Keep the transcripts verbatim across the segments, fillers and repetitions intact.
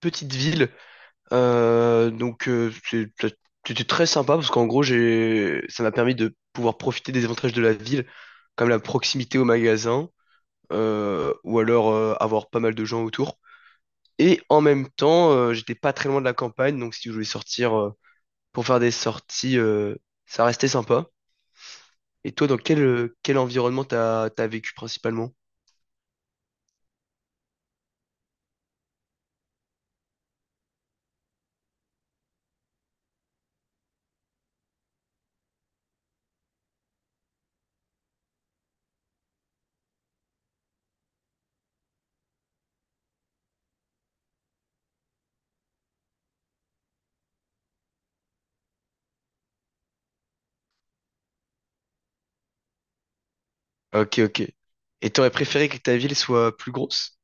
Petite ville. Euh, donc euh, c'est- c'était très sympa parce qu'en gros j'ai ça m'a permis de pouvoir profiter des avantages de la ville, comme la proximité au magasin, euh, ou alors euh, avoir pas mal de gens autour. Et en même temps, euh, j'étais pas très loin de la campagne, donc si je voulais sortir euh, pour faire des sorties, euh, ça restait sympa. Et toi, dans quel, euh, quel environnement t'as, t'as vécu principalement? Ok, ok. Et t'aurais préféré que ta ville soit plus grosse?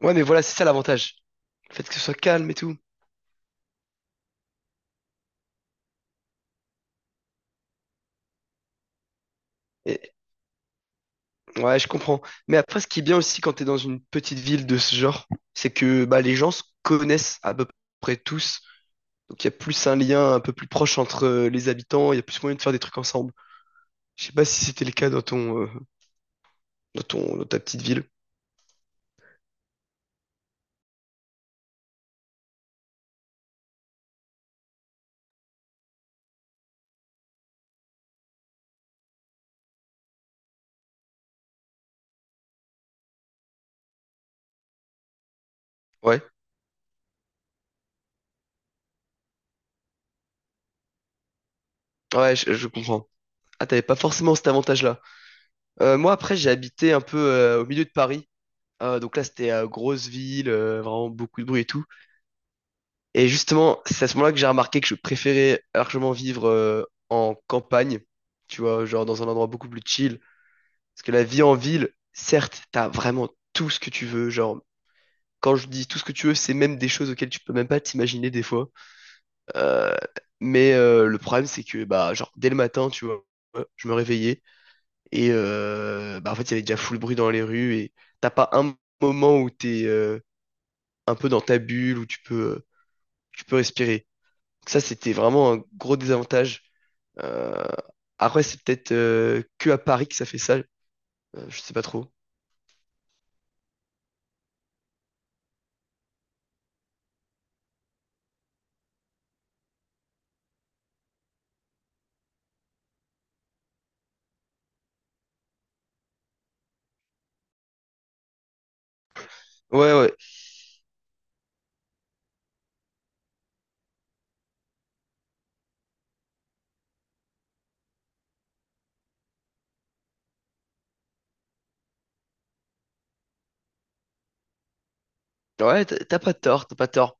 Ouais, mais voilà, c'est ça l'avantage. Le fait que ce soit calme et tout. Ouais, je comprends. Mais après, ce qui est bien aussi quand t'es dans une petite ville de ce genre, c'est que bah, les gens se connaissent à peu près tous. Donc il y a plus un lien un peu plus proche entre euh, les habitants, il y a plus moyen de faire des trucs ensemble. Je sais pas si c'était le cas dans ton, euh, dans ton, dans ta petite ville. Ouais, ouais, je, je comprends. Ah, t'avais pas forcément cet avantage-là. Euh, moi, après, j'ai habité un peu euh, au milieu de Paris. Euh, donc là, c'était euh, grosse ville, euh, vraiment beaucoup de bruit et tout. Et justement, c'est à ce moment-là que j'ai remarqué que je préférais largement vivre euh, en campagne, tu vois, genre dans un endroit beaucoup plus chill. Parce que la vie en ville, certes, t'as vraiment tout ce que tu veux. Genre, quand je dis tout ce que tu veux, c'est même des choses auxquelles tu peux même pas t'imaginer des fois. Euh, mais euh, le problème, c'est que, bah, genre, dès le matin, tu vois, je me réveillais et, euh, bah, en fait, il y avait déjà full bruit dans les rues et t'as pas un moment où t'es euh, un peu dans ta bulle, où tu peux, tu peux respirer. Ça, c'était vraiment un gros désavantage. Euh, Après, c'est peut-être euh, que à Paris que ça fait ça. Euh, je sais pas trop. Ouais, ouais. Ouais, t'as t'as pas tort, t'as pas tort.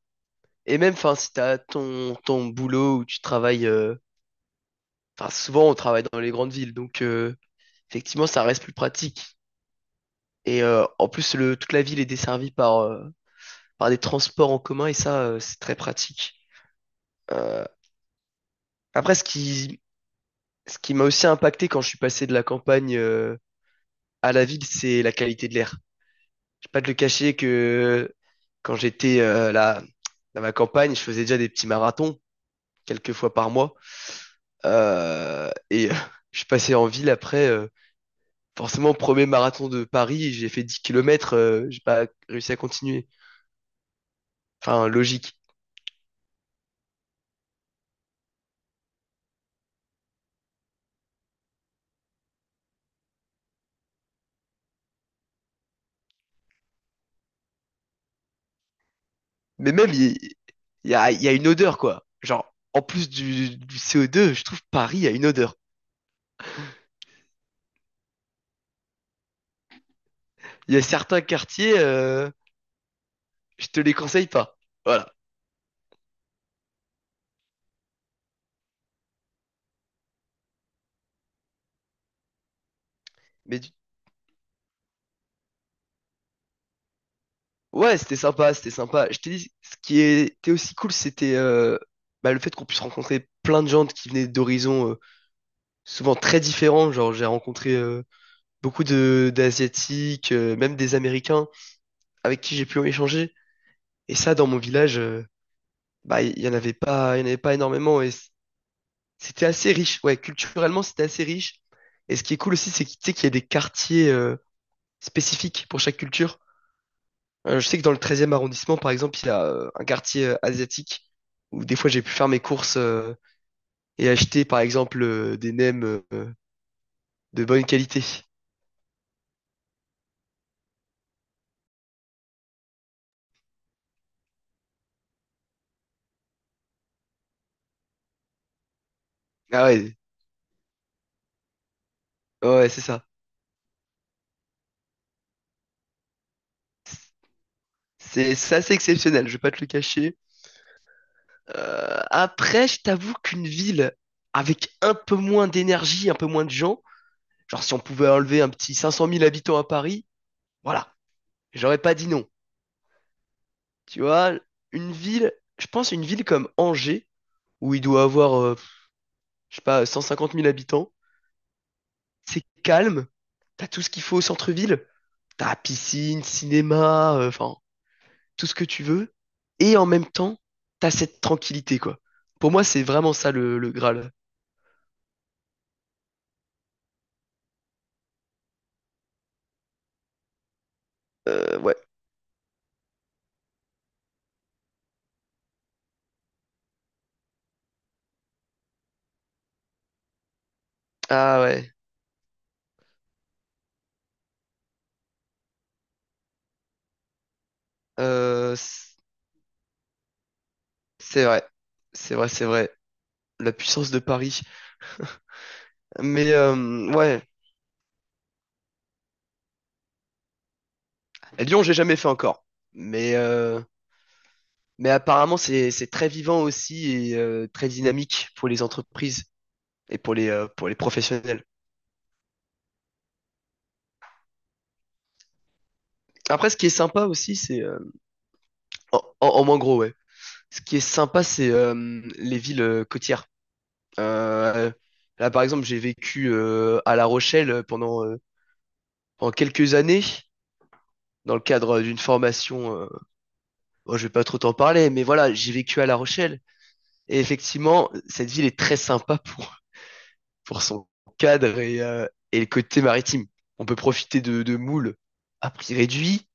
Et même, enfin, si t'as ton, ton boulot où tu travailles. euh, Enfin, souvent, on travaille dans les grandes villes. Donc, euh, effectivement, ça reste plus pratique. Et euh, en plus, le, toute la ville est desservie par, euh, par des transports en commun. Et ça, euh, c'est très pratique. Euh, Après, ce qui, ce qui m'a aussi impacté quand je suis passé de la campagne euh, à la ville, c'est la qualité de l'air. Je vais pas te le cacher que quand j'étais euh, là, dans ma campagne, je faisais déjà des petits marathons quelques fois par mois. Euh, et euh, je suis passé en ville après. Euh, forcément, premier marathon de Paris, j'ai fait dix kilomètres. Euh, j'ai pas réussi à continuer. Enfin, logique. Mais même, il il y, a, il y a une odeur, quoi. Genre, en plus du, du C O deux, je trouve Paris a une odeur. Il y a certains quartiers, euh, je te les conseille pas. Voilà. Mais Ouais, c'était sympa, c'était sympa. Je t'ai dit, ce qui était aussi cool, c'était euh, bah, le fait qu'on puisse rencontrer plein de gens qui venaient d'horizons euh, souvent très différents. Genre, j'ai rencontré euh, beaucoup de d'Asiatiques, euh, même des Américains, avec qui j'ai pu échanger. Et ça, dans mon village, euh, bah, il y en avait pas, il y en avait pas énormément. Et c- c'était assez riche. Ouais, culturellement, c'était assez riche. Et ce qui est cool aussi, c'est que tu sais qu'il y a des quartiers euh, spécifiques pour chaque culture. Euh, je sais que dans le treizième arrondissement, par exemple, il y a euh, un quartier euh, asiatique où des fois j'ai pu faire mes courses euh, et acheter, par exemple, euh, des nems euh, de bonne qualité. Ah ouais, ouais, ouais, c'est ça. C'est c'est assez exceptionnel, je vais pas te le cacher. Euh, après, je t'avoue qu'une ville avec un peu moins d'énergie, un peu moins de gens, genre si on pouvait enlever un petit cinq cent mille habitants à Paris, voilà, j'aurais pas dit non. Tu vois, une ville, je pense une ville comme Angers, où il doit avoir euh, je sais pas, cent cinquante mille habitants. C'est calme, t'as tout ce qu'il faut au centre-ville. T'as piscine, cinéma, euh, enfin, tout ce que tu veux. Et en même temps, t'as cette tranquillité, quoi. Pour moi, c'est vraiment ça le, le Graal. Euh, ouais. Ah ouais. Euh, c- c'est vrai. C'est vrai, c'est vrai. La puissance de Paris. Mais euh, ouais. Lyon, j'ai jamais fait encore. Mais, euh, mais apparemment, c'est, c'est très vivant aussi et euh, très dynamique pour les entreprises et pour les, euh, pour les professionnels. Après, ce qui est sympa aussi, c'est. euh, en, en- en moins gros, ouais. Ce qui est sympa, c'est euh, les villes euh, côtières. Euh, Là, par exemple, j'ai vécu euh, à La Rochelle euh, pendant, euh, pendant quelques années, dans le cadre d'une formation. Euh, bon, je vais pas trop t'en parler, mais voilà, j'ai vécu à La Rochelle. Et effectivement, cette ville est très sympa pour, pour son cadre et, euh, et le côté maritime. On peut profiter de, de moules à prix réduit,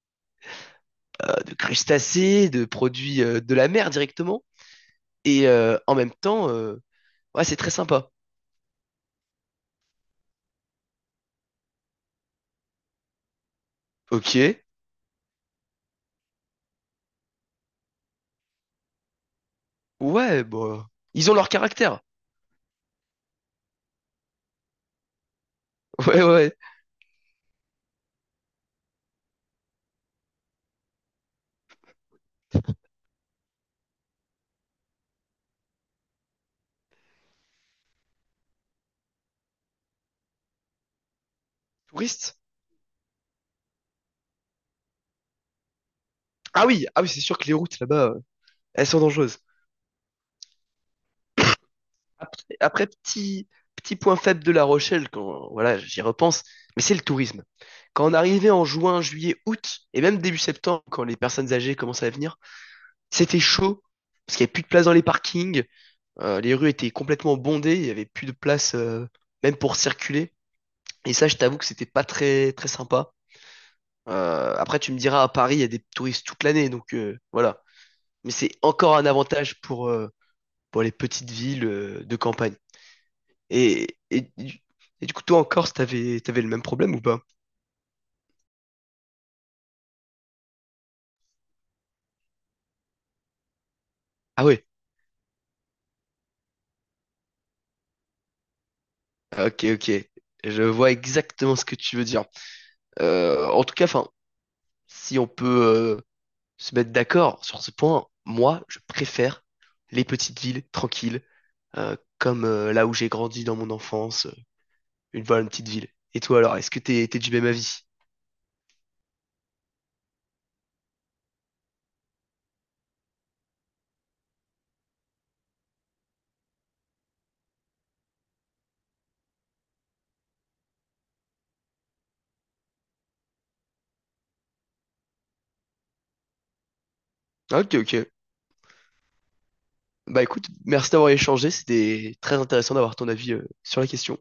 euh, de crustacés, de produits euh, de la mer directement. Et euh, en même temps, euh, ouais, c'est très sympa. Ok. Ouais, bah. Ils ont leur caractère. Ouais, ouais. Touristes. Ah oui, ah oui, c'est sûr que les routes là-bas, euh, elles sont dangereuses. Après, après, petit, petit point faible de La Rochelle, quand voilà, j'y repense, mais c'est le tourisme. Quand on arrivait en juin, juillet, août, et même début septembre, quand les personnes âgées commençaient à venir, c'était chaud, parce qu'il n'y avait plus de place dans les parkings, euh, les rues étaient complètement bondées, il n'y avait plus de place euh, même pour circuler. Et ça, je t'avoue que c'était pas très, très sympa. Euh, après, tu me diras, à Paris, il y a des touristes toute l'année, donc euh, voilà. Mais c'est encore un avantage pour, euh, pour les petites villes euh, de campagne. Et, et, du et du coup, toi en Corse, t'avais, t'avais le même problème ou pas? Ah ouais, ok, ok. Je vois exactement ce que tu veux dire. Euh, en tout cas, enfin, si on peut euh, se mettre d'accord sur ce point, moi, je préfère les petites villes tranquilles, euh, comme euh, là où j'ai grandi dans mon enfance, euh, une, voilà, une petite ville. Et toi alors, est-ce que t'es, t'es du même avis? Ah, ok, ok. Bah écoute, merci d'avoir échangé, c'était très intéressant d'avoir ton avis euh, sur la question.